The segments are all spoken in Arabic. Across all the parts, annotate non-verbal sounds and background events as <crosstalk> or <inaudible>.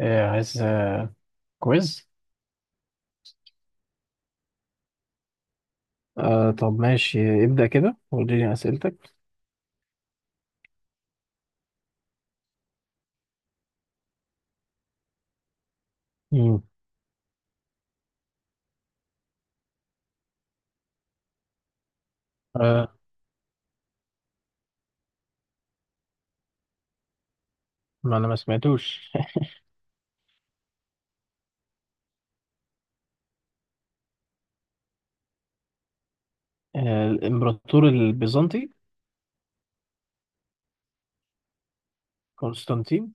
إيه عايز كويز. طب ماشي ابدأ كده واديني أسئلتك. مم. آه، ما أنا ما سمعتوش. <laughs> آه، الإمبراطور البيزنطي قسطنطين.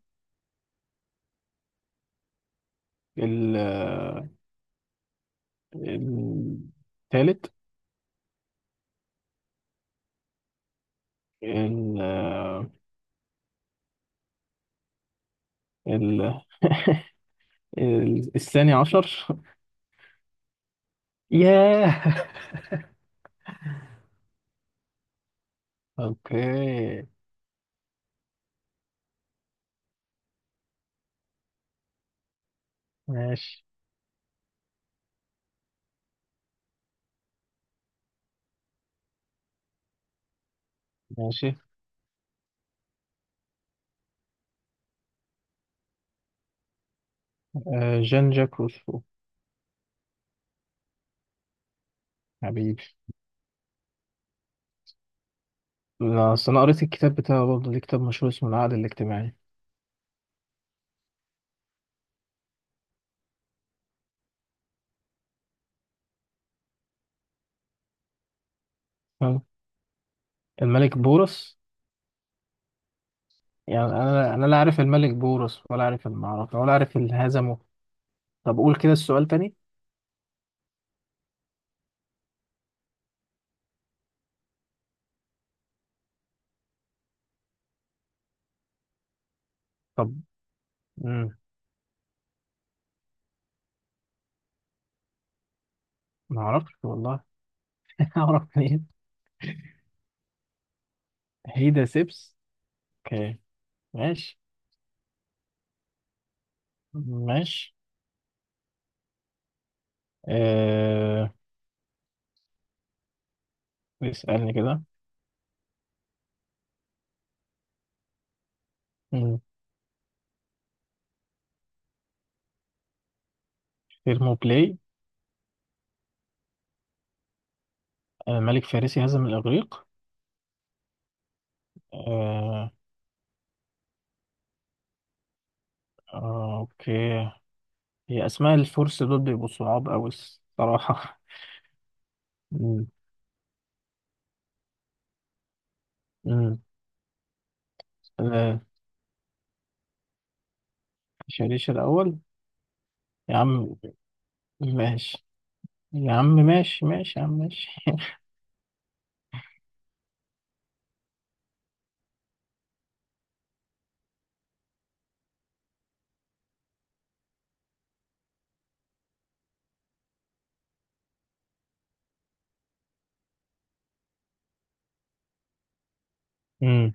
ال- آه، الثالث. ال- آه، ال- <laughs> الثاني عشر. <laughs> ياه، أوكي ماشي ماشي. آه، جان جاك روسو. حبيبي. لا، أصل أنا قريت الكتاب بتاعه برضه، ليه كتاب مشهور اسمه العقد الاجتماعي. أه. الملك بورس. يعني انا لا عارف الملك بورس ولا عارف المعركه ولا عارف اللي هزمه. طب قول كده السؤال تاني. طب. مم. ما اعرفش والله. <laughs> اعرف منين؟ هيدا سيبس. اوكي. ماشي ماشي. آه... اسالني كده. مم. ثيرموبلاي. آه، ملك فارسي هزم الاغريق. آه... اوكي. هي اسماء الفرس دول بيبقوا صعاب قوي. الصراحه. <laughs> مم. مم. آه... شريش الاول. يا عم ماشي يا عم ماشي ماشي يا عم ماشي. امم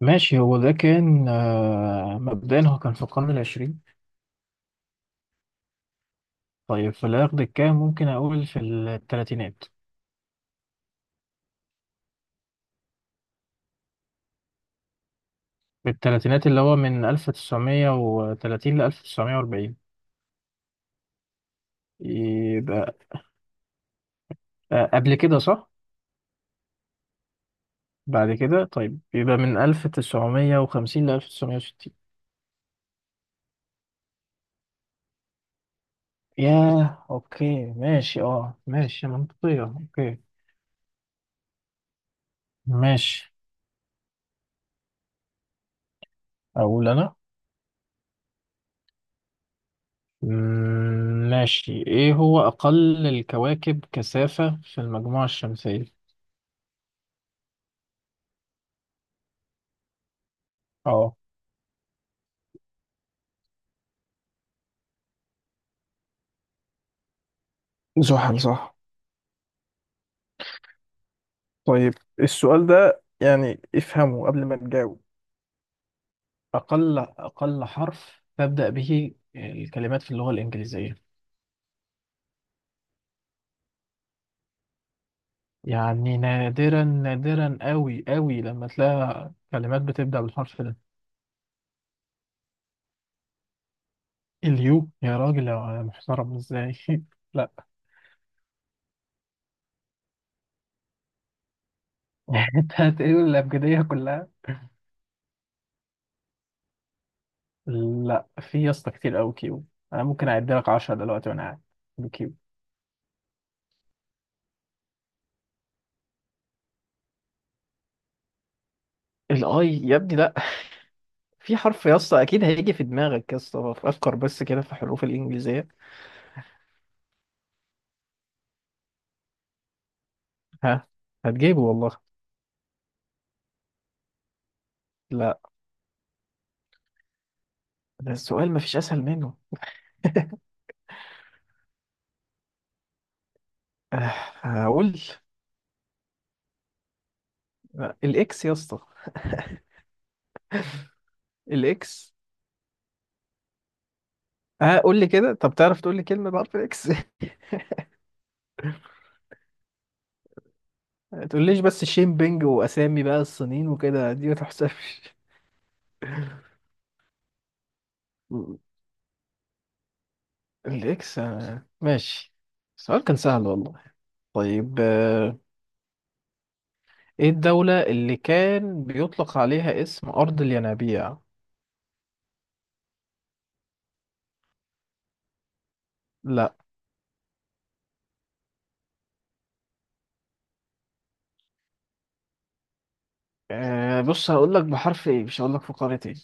ماشي، هو ده كان، مبدئيا، هو كان في القرن العشرين. طيب، في العقد الكام؟ ممكن أقول في التلاتينات. في التلاتينات، اللي هو من 1930 ل 1940. يبقى، قبل كده، صح؟ بعد كده، طيب، يبقى من 1950 ل 1960. ياه، أوكي ماشي، ماشي، منطقية. أوكي ماشي. أقول أنا. ماشي. ايه هو اقل الكواكب كثافة في المجموعة الشمسية؟ اه. زحل، صح. طيب. السؤال ده يعني افهمه قبل ما تجاوب. اقل اقل حرف تبدأ به الكلمات في اللغة الإنجليزية. يعني نادرا نادرا قوي قوي لما تلاقي كلمات بتبدأ بالحرف ده. اليو؟ يا راجل يا محترم، ازاي؟ <laughs> لا. <laughs> انت هتقول الأبجدية كلها. لا، في يا اسطى كتير قوي كيو. انا ممكن اعد لك 10 دلوقتي وانا قاعد بكيو. الاي يا ابني لا. <laughs> في حرف يا اسطى اكيد هيجي في دماغك، يا اسطى فكر بس كده في حروف الانجليزيه. ها. هتجيبه والله. لا. ده السؤال مفيش اسهل منه. آه، هقول. لا، الاكس يا اسطى. الاكس. اه، قول لي كده. طب تعرف تقول لي كلمه بحرف الاكس؟ <laughs> ما تقوليش بس شيمبينج واسامي بقى الصينيين وكده، دي ما تحسبش. الاكس، ماشي. السؤال كان سهل والله. طيب، ايه الدولة اللي كان بيطلق عليها اسم أرض الينابيع؟ لا. بص هقول لك بحرف ايه، مش هقول لك في قارة ايه.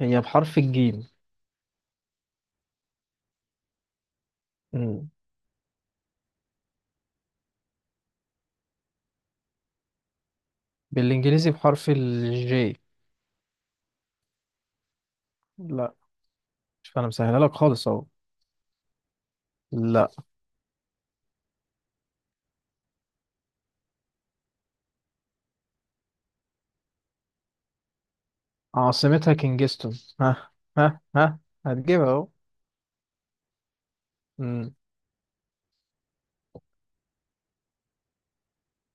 هي بحرف الجيم. مم. بالانجليزي بحرف الجي. لا، مش انا مسهلها لك خالص اهو. لا، عاصمتها كينجستون. ها ها ها، هتجيبها اهو. مم.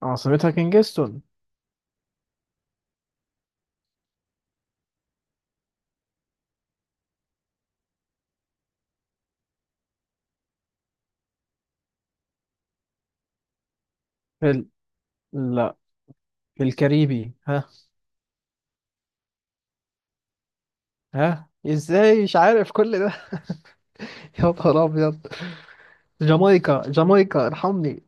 عاصمتها كينجستون. في ال... لا، في الكاريبي. ها، ها ازاي مش عارف كل ده؟ <laughs> يا نهار ابيض. جامايكا جامايكا، ارحمني.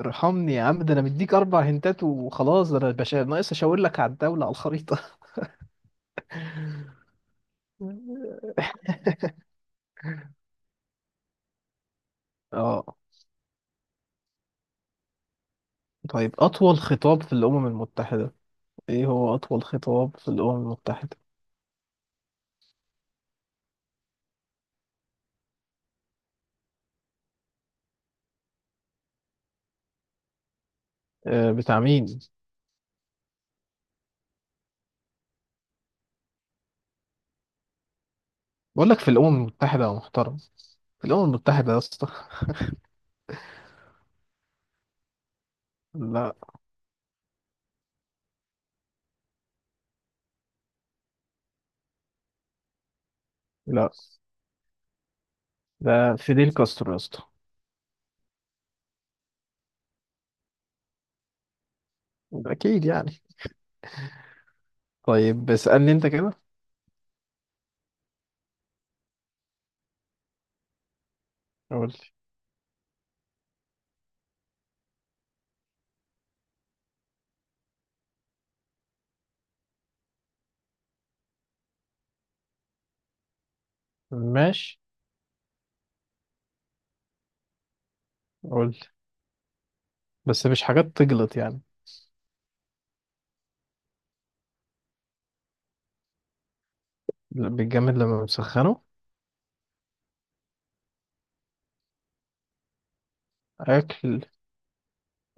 ارحمني يا عم، ده انا مديك اربع هنتات وخلاص، ده انا باشا ناقص اشاور لك على الدولة على الخريطة. <laughs> اه. طيب، اطول خطاب في الامم المتحدة. ايه هو اطول خطاب في الامم المتحدة؟ آه، بتاع مين؟ بقول لك في الامم المتحدة يا محترم. في الامم المتحدة يا اسطى. لا. لا، ده فيديل كاسترو يا اسطى. اكيد يعني. طيب، اسالني انت كده. قول لي. ماشي، قول لي، بس مش حاجات تجلط يعني. لا، بيتجمد لما بنسخنه. اكل.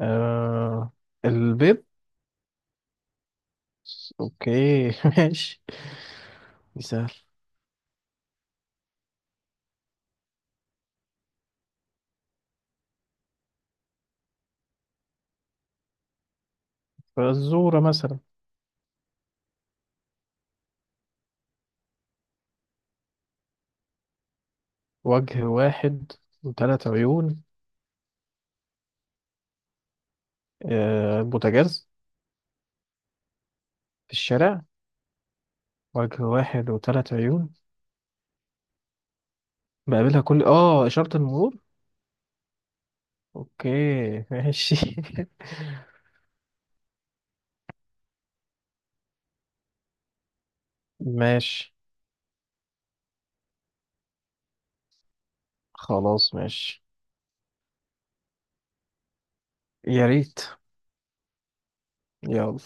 آه، البيض. اوكي. <laughs> ماشي. دي سهل. فالزورة مثلا. وجه واحد وثلاث عيون. آه، بوتاجاز. في الشارع. وجه واحد وثلاث عيون. بقابلها كل إشارة المرور. اوكي، ماشي. <laughs> ماشي خلاص ماشي. يا ريت. يلا.